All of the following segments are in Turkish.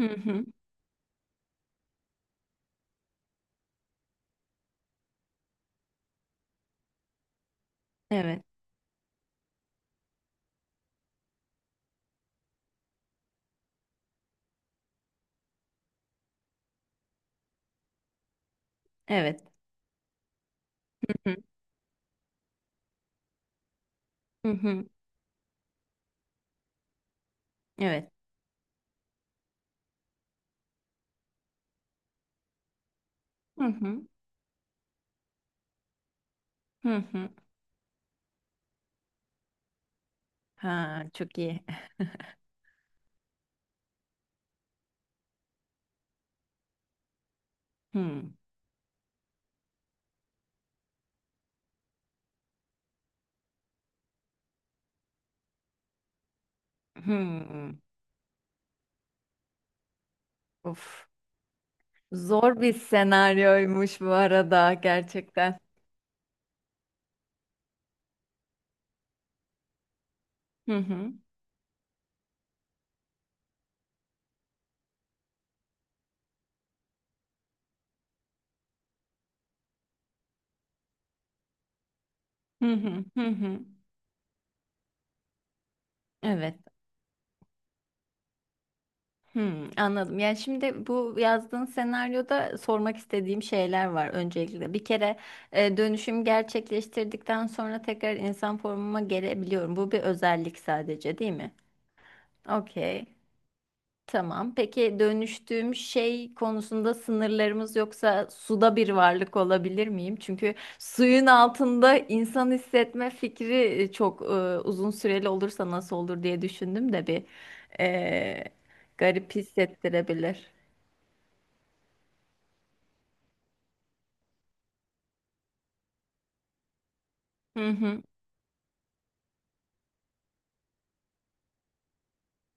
Hı hı. Evet. Evet. Hı hı. Hı hı. Evet. Hı hı. Hı hı. Ha, çok iyi. Hı. Hı. Of. Zor bir senaryoymuş bu arada gerçekten. Hı hı. Hı hı. Hı hı. Evet. Hı, anladım. Yani şimdi bu yazdığın senaryoda sormak istediğim şeyler var öncelikle. Bir kere dönüşüm gerçekleştirdikten sonra tekrar insan formuma gelebiliyorum. Bu bir özellik sadece, değil mi? Okey. Tamam. Peki dönüştüğüm şey konusunda sınırlarımız yoksa suda bir varlık olabilir miyim? Çünkü suyun altında insan hissetme fikri çok uzun süreli olursa nasıl olur diye düşündüm de bir e, garip hissettirebilir. Hı hı.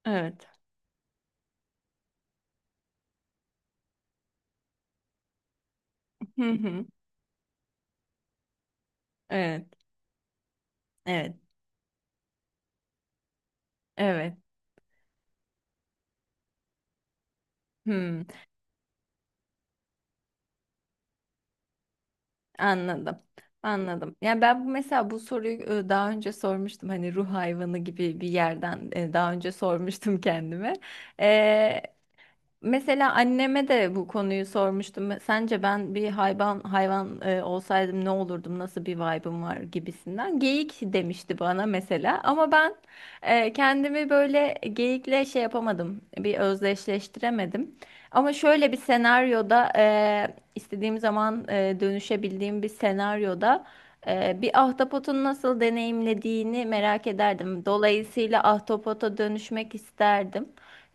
Evet. Hı hı. Evet. Evet. Evet. Hı. Anladım. Anladım. Yani ben bu mesela bu soruyu daha önce sormuştum. Hani ruh hayvanı gibi bir yerden daha önce sormuştum kendime. Mesela anneme de bu konuyu sormuştum. Sence ben bir hayvan olsaydım ne olurdum? Nasıl bir vibe'ım var gibisinden. Geyik demişti bana mesela. Ama ben kendimi böyle geyikle şey yapamadım. Bir özdeşleştiremedim. Ama şöyle bir senaryoda istediğim zaman dönüşebildiğim bir senaryoda bir ahtapotun nasıl deneyimlediğini merak ederdim. Dolayısıyla ahtapota dönüşmek isterdim.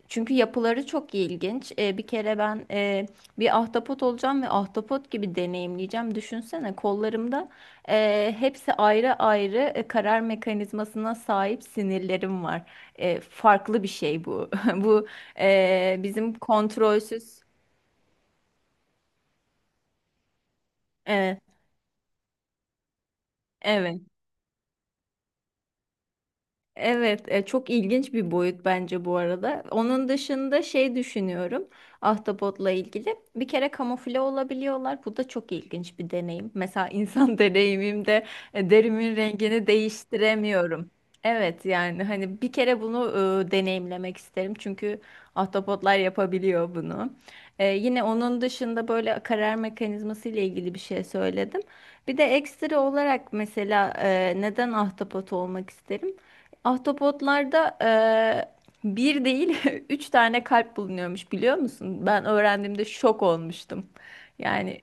Çünkü yapıları çok ilginç. Bir kere ben bir ahtapot olacağım ve ahtapot gibi deneyimleyeceğim. Düşünsene kollarımda hepsi ayrı ayrı karar mekanizmasına sahip sinirlerim var. Farklı bir şey bu. Bu bizim kontrolsüz. E, evet. Evet, çok ilginç bir boyut bence bu arada. Onun dışında şey düşünüyorum ahtapotla ilgili. Bir kere kamufle olabiliyorlar. Bu da çok ilginç bir deneyim. Mesela insan deneyimimde derimin rengini değiştiremiyorum. Evet yani hani bir kere bunu deneyimlemek isterim. Çünkü ahtapotlar yapabiliyor bunu. Yine onun dışında böyle karar mekanizması ile ilgili bir şey söyledim. Bir de ekstra olarak mesela neden ahtapot olmak isterim? Ahtapotlarda bir değil üç tane kalp bulunuyormuş biliyor musun? Ben öğrendiğimde şok olmuştum. Yani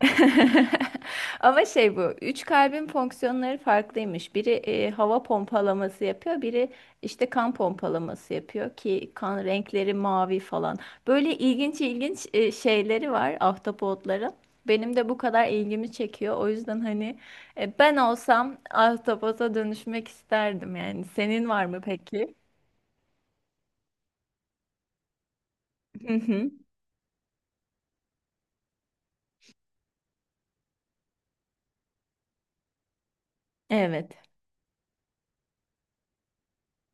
Ama şey bu, üç kalbin fonksiyonları farklıymış. Biri hava pompalaması yapıyor, biri işte kan pompalaması yapıyor ki kan renkleri mavi falan. Böyle ilginç ilginç şeyleri var ahtapotların. Benim de bu kadar ilgimi çekiyor. O yüzden hani ben olsam ahtapota dönüşmek isterdim yani. Senin var mı peki? Hı hı. Evet.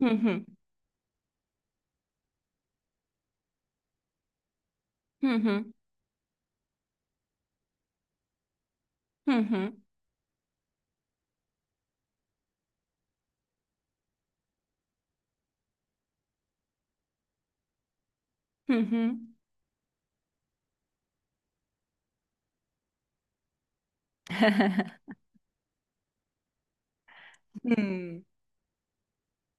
Hı hı. Hı hı. Hı hı. Hı hı. Hmm,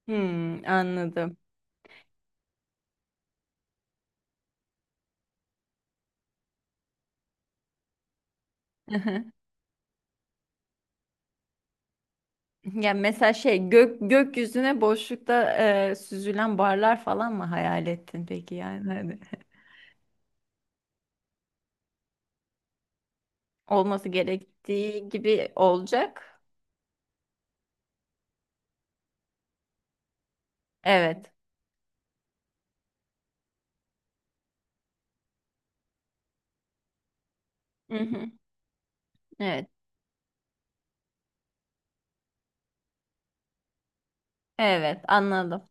hmm, anladım. Hı hı. Yani mesela şey gökyüzüne boşlukta süzülen barlar falan mı hayal ettin peki yani hani olması gerektiği gibi olacak. Evet. Hı hı. Evet. Evet anladım.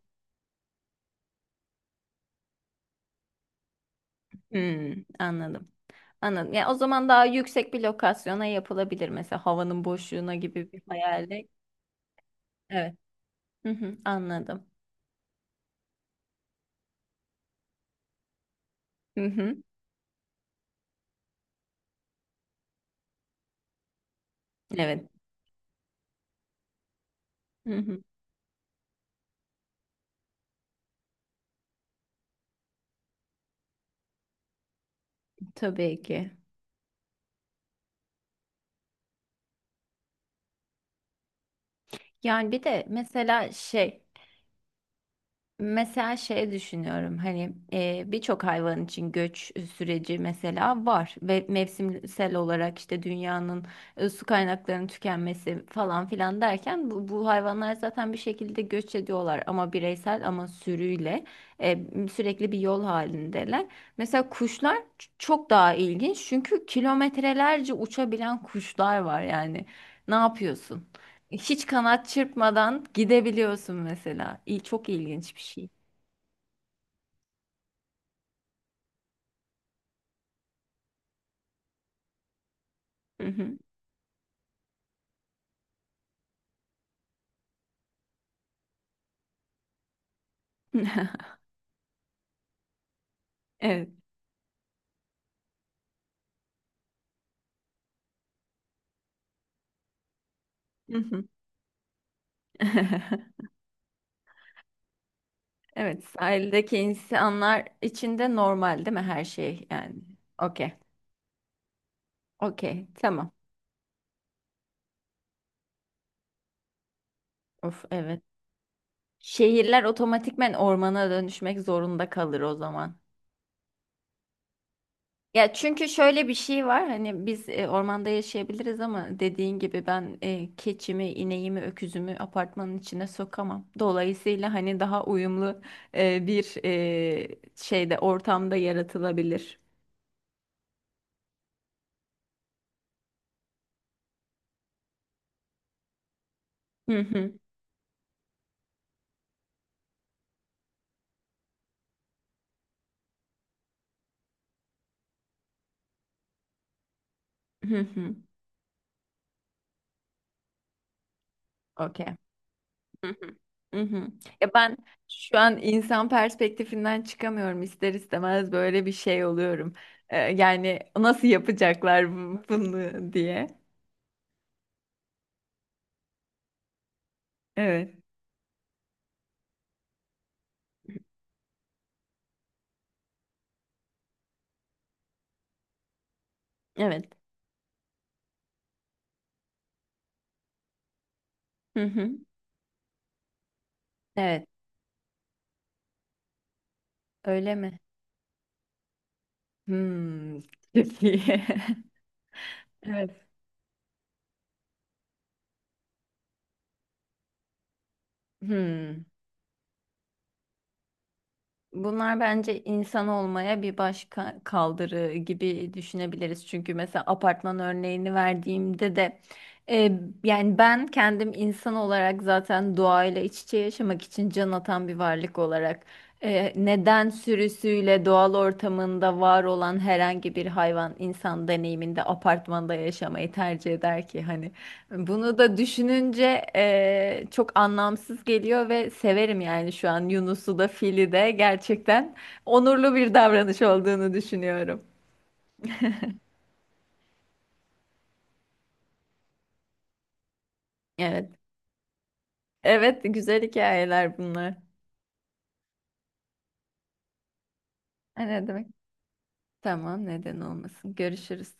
Hmm, anladım. Anladım. Yani o zaman daha yüksek bir lokasyona yapılabilir mesela havanın boşluğuna gibi bir hayalde. Evet. Hı hı, anladım. Hı hı. Evet. Hı hı. Tabii ki. Yani bir de mesela şey Mesela şey düşünüyorum hani birçok hayvan için göç süreci mesela var ve mevsimsel olarak işte dünyanın su kaynaklarının tükenmesi falan filan derken bu hayvanlar zaten bir şekilde göç ediyorlar ama bireysel ama sürüyle e, sürekli bir yol halindeler. Mesela kuşlar çok daha ilginç çünkü kilometrelerce uçabilen kuşlar var yani ne yapıyorsun? Hiç kanat çırpmadan gidebiliyorsun mesela. İyi, çok ilginç bir şey. Hı hı. Evet. Hı hı. Evet, sahildeki insanlar içinde normal değil mi her şey yani? Okey. Okey, tamam. Of evet. Şehirler otomatikmen ormana dönüşmek zorunda kalır o zaman. Ya çünkü şöyle bir şey var hani biz ormanda yaşayabiliriz ama dediğin gibi ben keçimi, ineğimi, öküzümü apartmanın içine sokamam. Dolayısıyla hani daha uyumlu bir ortamda yaratılabilir. Hı hı. Okey. Hı hı. Hı hı. Ya ben şu an insan perspektifinden çıkamıyorum ister istemez böyle bir şey oluyorum. Yani nasıl yapacaklar bunu diye. Evet. Evet. Hı hı. Evet. Öyle mi? Hmm. Çok iyi. Evet. Hmm. Bunlar bence insan olmaya bir başka kaldırı gibi düşünebiliriz. Çünkü mesela apartman örneğini verdiğimde de e, yani ben kendim insan olarak zaten doğayla iç içe yaşamak için can atan bir varlık olarak neden sürüsüyle doğal ortamında var olan herhangi bir hayvan insan deneyiminde apartmanda yaşamayı tercih eder ki? Hani bunu da düşününce çok anlamsız geliyor ve severim yani şu an Yunus'u da Fil'i de gerçekten onurlu bir davranış olduğunu düşünüyorum. Evet. Evet, güzel hikayeler bunlar. Ha, ne demek? Tamam, neden olmasın. Görüşürüz.